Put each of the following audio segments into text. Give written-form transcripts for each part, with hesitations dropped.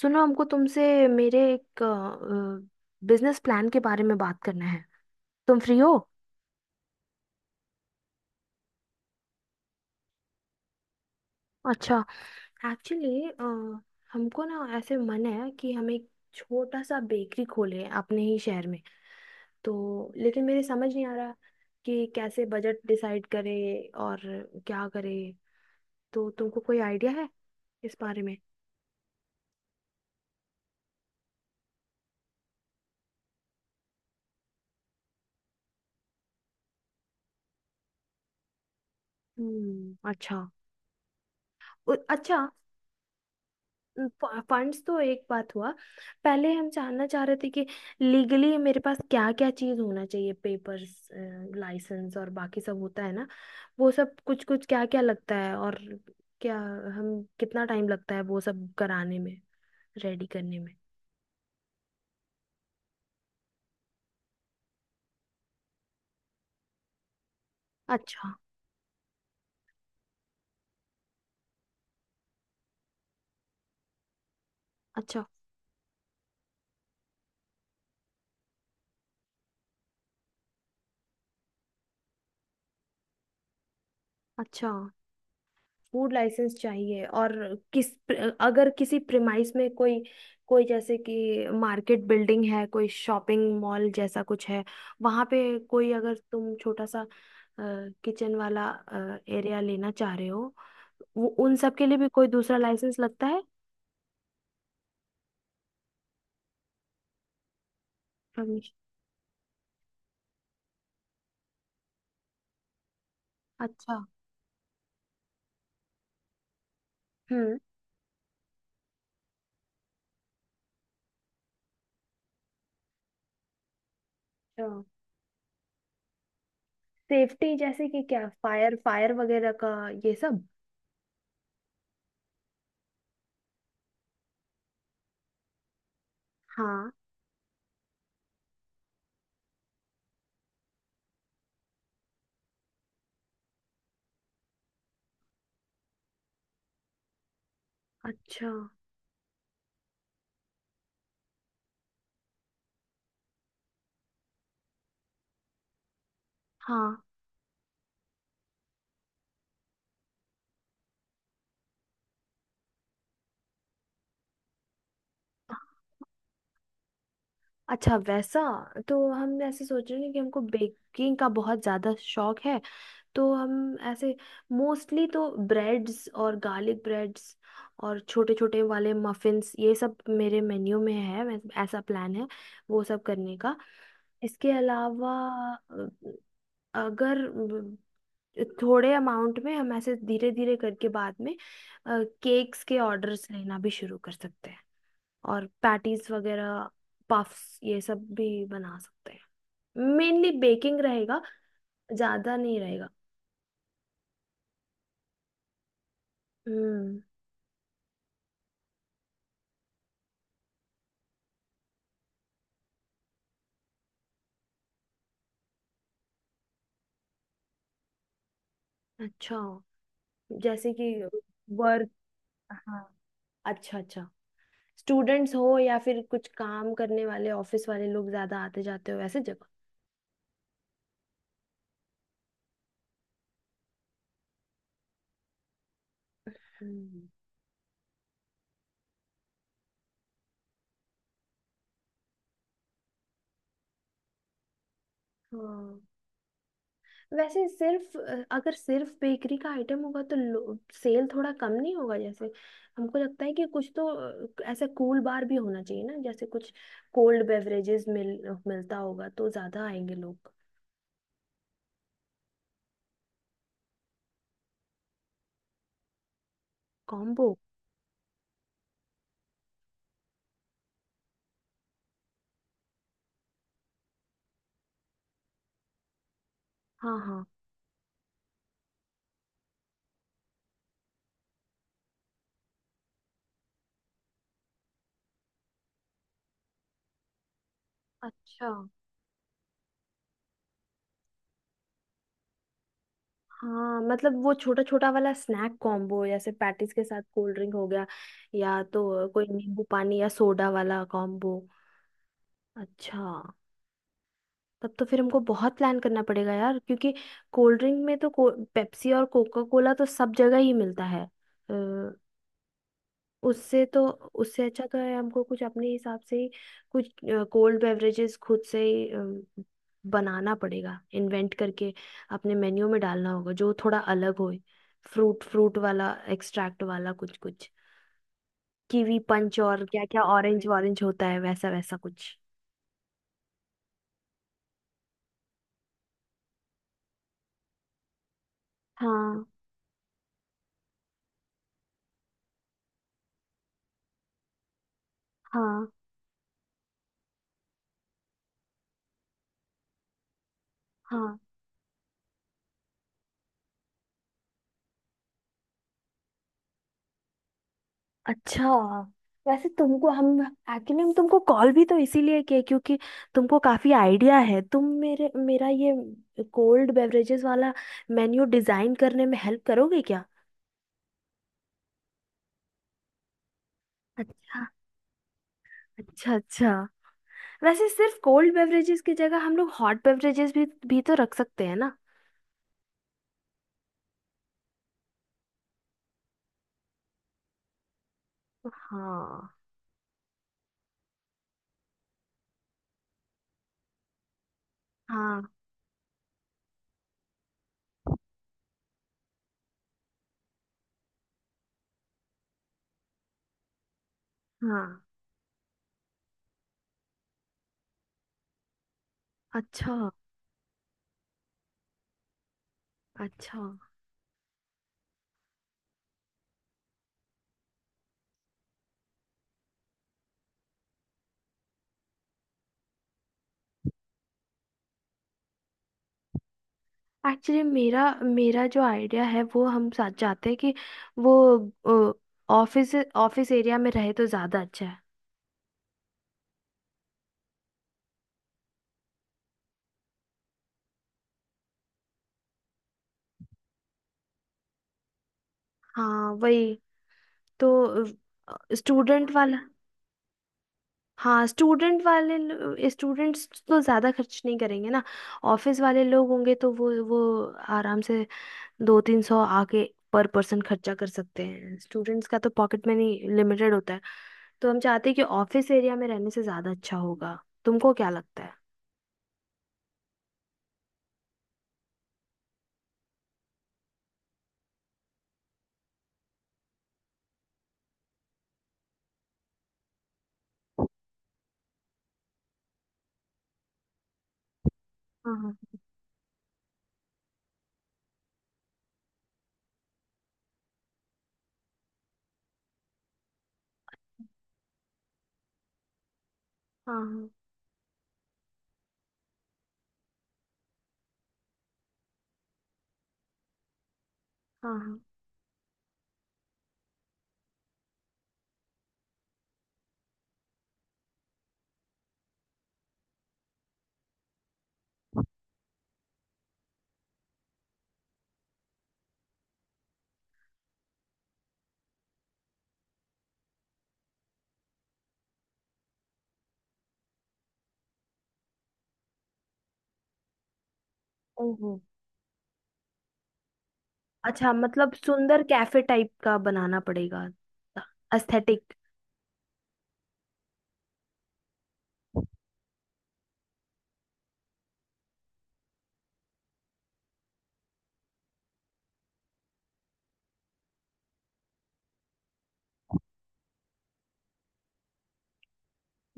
सुनो हमको तुमसे मेरे एक बिजनेस प्लान के बारे में बात करना है। तुम फ्री हो? अच्छा। एक्चुअली हमको ना ऐसे मन है कि हम एक छोटा सा बेकरी खोलें अपने ही शहर में। तो लेकिन मेरे समझ नहीं आ रहा कि कैसे बजट डिसाइड करें और क्या करें। तो तुमको कोई आइडिया है इस बारे में? हम्म, अच्छा। अच्छा। फंड्स तो एक बात हुआ। पहले हम जानना चाह रहे थे कि लीगली मेरे पास क्या क्या चीज होना चाहिए, पेपर्स, लाइसेंस और बाकी सब होता है ना। वो सब कुछ कुछ क्या क्या लगता है, और क्या हम कितना टाइम लगता है वो सब कराने में, रेडी करने में। अच्छा। अच्छा। अच्छा, फूड लाइसेंस चाहिए, और किस अगर किसी प्रिमाइस में कोई कोई जैसे कि मार्केट बिल्डिंग है, कोई शॉपिंग मॉल जैसा कुछ है, वहां पे कोई अगर तुम छोटा सा किचन वाला एरिया लेना चाह रहे हो, वो उन सब के लिए भी कोई दूसरा लाइसेंस लगता है? परमिशन। अच्छा। हम्म। अच्छा। सेफ्टी जैसे कि क्या, फायर फायर वगैरह का ये सब? हाँ। अच्छा। हाँ। अच्छा, वैसा। तो हम ऐसे सोच रहे हैं कि हमको बेकिंग का बहुत ज़्यादा शौक है। तो हम ऐसे मोस्टली तो ब्रेड्स और गार्लिक ब्रेड्स और छोटे छोटे वाले मफिन्स, ये सब मेरे मेन्यू में है, ऐसा प्लान है वो सब करने का। इसके अलावा अ, अगर थोड़े अमाउंट में हम ऐसे धीरे धीरे करके बाद में केक्स के ऑर्डर्स लेना भी शुरू कर सकते हैं। और पैटीज वगैरह, पफ्स ये सब भी बना सकते हैं। मेनली बेकिंग रहेगा, ज्यादा नहीं रहेगा। हम्म। अच्छा, जैसे कि वर्क। हाँ, अच्छा, अच्छा। स्टूडेंट्स हो या फिर कुछ काम करने वाले ऑफिस वाले लोग ज्यादा आते जाते हो, वैसे जगह। हम्म। हाँ। वैसे सिर्फ अगर सिर्फ बेकरी का आइटम होगा तो सेल थोड़ा कम नहीं होगा जैसे? हमको लगता है कि कुछ तो ऐसा कूल बार भी होना चाहिए ना, जैसे कुछ कोल्ड बेवरेजेस मिलता होगा तो ज्यादा आएंगे लोग। कॉम्बो? हाँ, हाँ। अच्छा। हाँ, मतलब वो छोटा छोटा वाला स्नैक कॉम्बो जैसे पैटीज के साथ कोल्ड ड्रिंक हो गया। या तो कोई नींबू पानी या सोडा वाला कॉम्बो। अच्छा। तब तो फिर हमको बहुत प्लान करना पड़ेगा यार, क्योंकि कोल्ड ड्रिंक में तो पेप्सी और कोका कोला तो सब जगह ही मिलता है। अ, उससे तो उससे अच्छा तो है हमको कुछ अपने हिसाब से ही कुछ कोल्ड बेवरेजेस खुद से ही बनाना पड़ेगा, इन्वेंट करके अपने मेन्यू में डालना होगा जो थोड़ा अलग हो। फ्रूट फ्रूट वाला, एक्सट्रैक्ट वाला कुछ कुछ, कीवी पंच और क्या क्या, ऑरेंज ऑरेंज होता है, वैसा वैसा कुछ। हाँ, हाँ, हाँ। अच्छा, वैसे तुमको हम एक्चुअली हम तुमको कॉल भी तो इसीलिए किए, क्योंकि तुमको काफी आइडिया है। तुम मेरे मेरा ये कोल्ड बेवरेजेस वाला मेन्यू डिजाइन करने में हेल्प करोगे क्या? अच्छा, अच्छा, अच्छा। वैसे सिर्फ कोल्ड बेवरेजेस की जगह हम लोग हॉट बेवरेजेस भी तो रख सकते हैं ना? हाँ, हाँ, हाँ। अच्छा, अच्छा। एक्चुअली मेरा मेरा जो आइडिया है वो हम साथ चाहते हैं कि वो ऑफिस ऑफिस एरिया में रहे तो ज़्यादा अच्छा है। हाँ, वही। तो स्टूडेंट वाला। हाँ, स्टूडेंट वाले स्टूडेंट्स तो ज़्यादा खर्च नहीं करेंगे ना। ऑफिस वाले लोग होंगे तो वो आराम से 200-300 आके पर पर्सन खर्चा कर सकते हैं। स्टूडेंट्स का तो पॉकेट मनी लिमिटेड होता है। तो हम चाहते हैं कि ऑफिस एरिया में रहने से ज़्यादा अच्छा होगा। तुमको क्या लगता है? हाँ, हाँ, हाँ, हाँ, हाँ। ओहो। अच्छा, मतलब सुंदर कैफे टाइप का बनाना पड़ेगा। एस्थेटिक।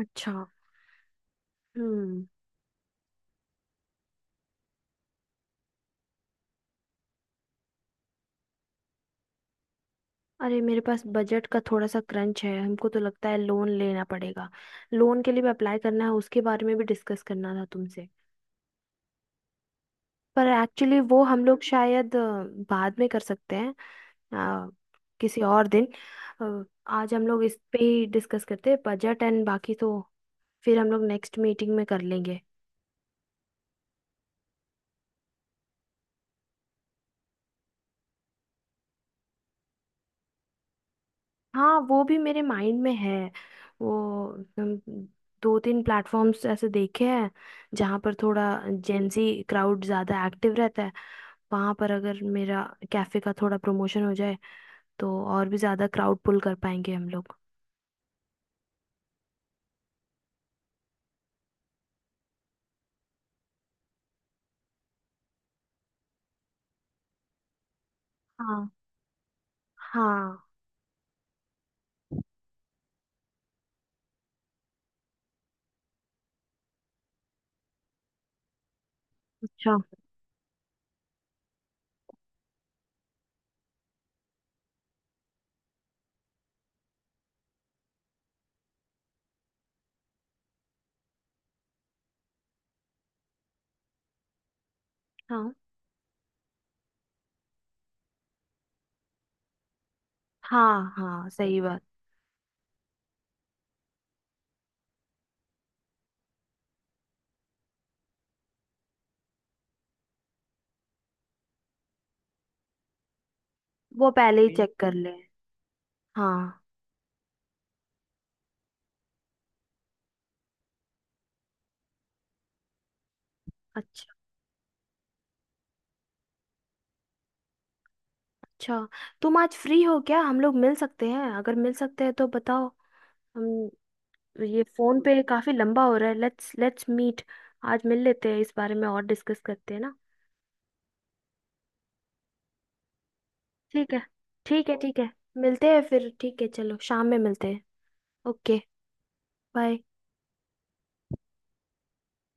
अच्छा। हम्म। अरे, मेरे पास बजट का थोड़ा सा क्रंच है, हमको तो लगता है लोन लेना पड़ेगा। लोन के लिए भी अप्लाई करना है, उसके बारे में भी डिस्कस करना था तुमसे। पर एक्चुअली वो हम लोग शायद बाद में कर सकते हैं, अ, किसी और दिन। अ, आज हम लोग इस पे ही डिस्कस करते हैं, बजट एंड बाकी तो फिर हम लोग नेक्स्ट मीटिंग में कर लेंगे। हाँ, वो भी मेरे माइंड में है। वो हम दो तीन प्लेटफॉर्म्स ऐसे देखे हैं जहाँ पर थोड़ा जेंजी क्राउड ज़्यादा एक्टिव रहता है। वहाँ पर अगर मेरा कैफ़े का थोड़ा प्रमोशन हो जाए तो और भी ज़्यादा क्राउड पुल कर पाएंगे हम लोग। हाँ, हाँ। अच्छा। हाँ, हाँ, हाँ सही बात। वो पहले ही Okay. चेक कर लें। हाँ। अच्छा, अच्छा। तुम आज फ्री हो क्या, हम लोग मिल सकते हैं, अगर मिल सकते हैं तो बताओ। हम तो, ये फोन पे काफी लंबा हो रहा है, लेट्स लेट्स मीट। आज मिल लेते हैं, इस बारे में और डिस्कस करते हैं ना। ठीक है, ठीक है, ठीक है। मिलते हैं फिर, ठीक है, चलो शाम में मिलते हैं। ओके। बाय।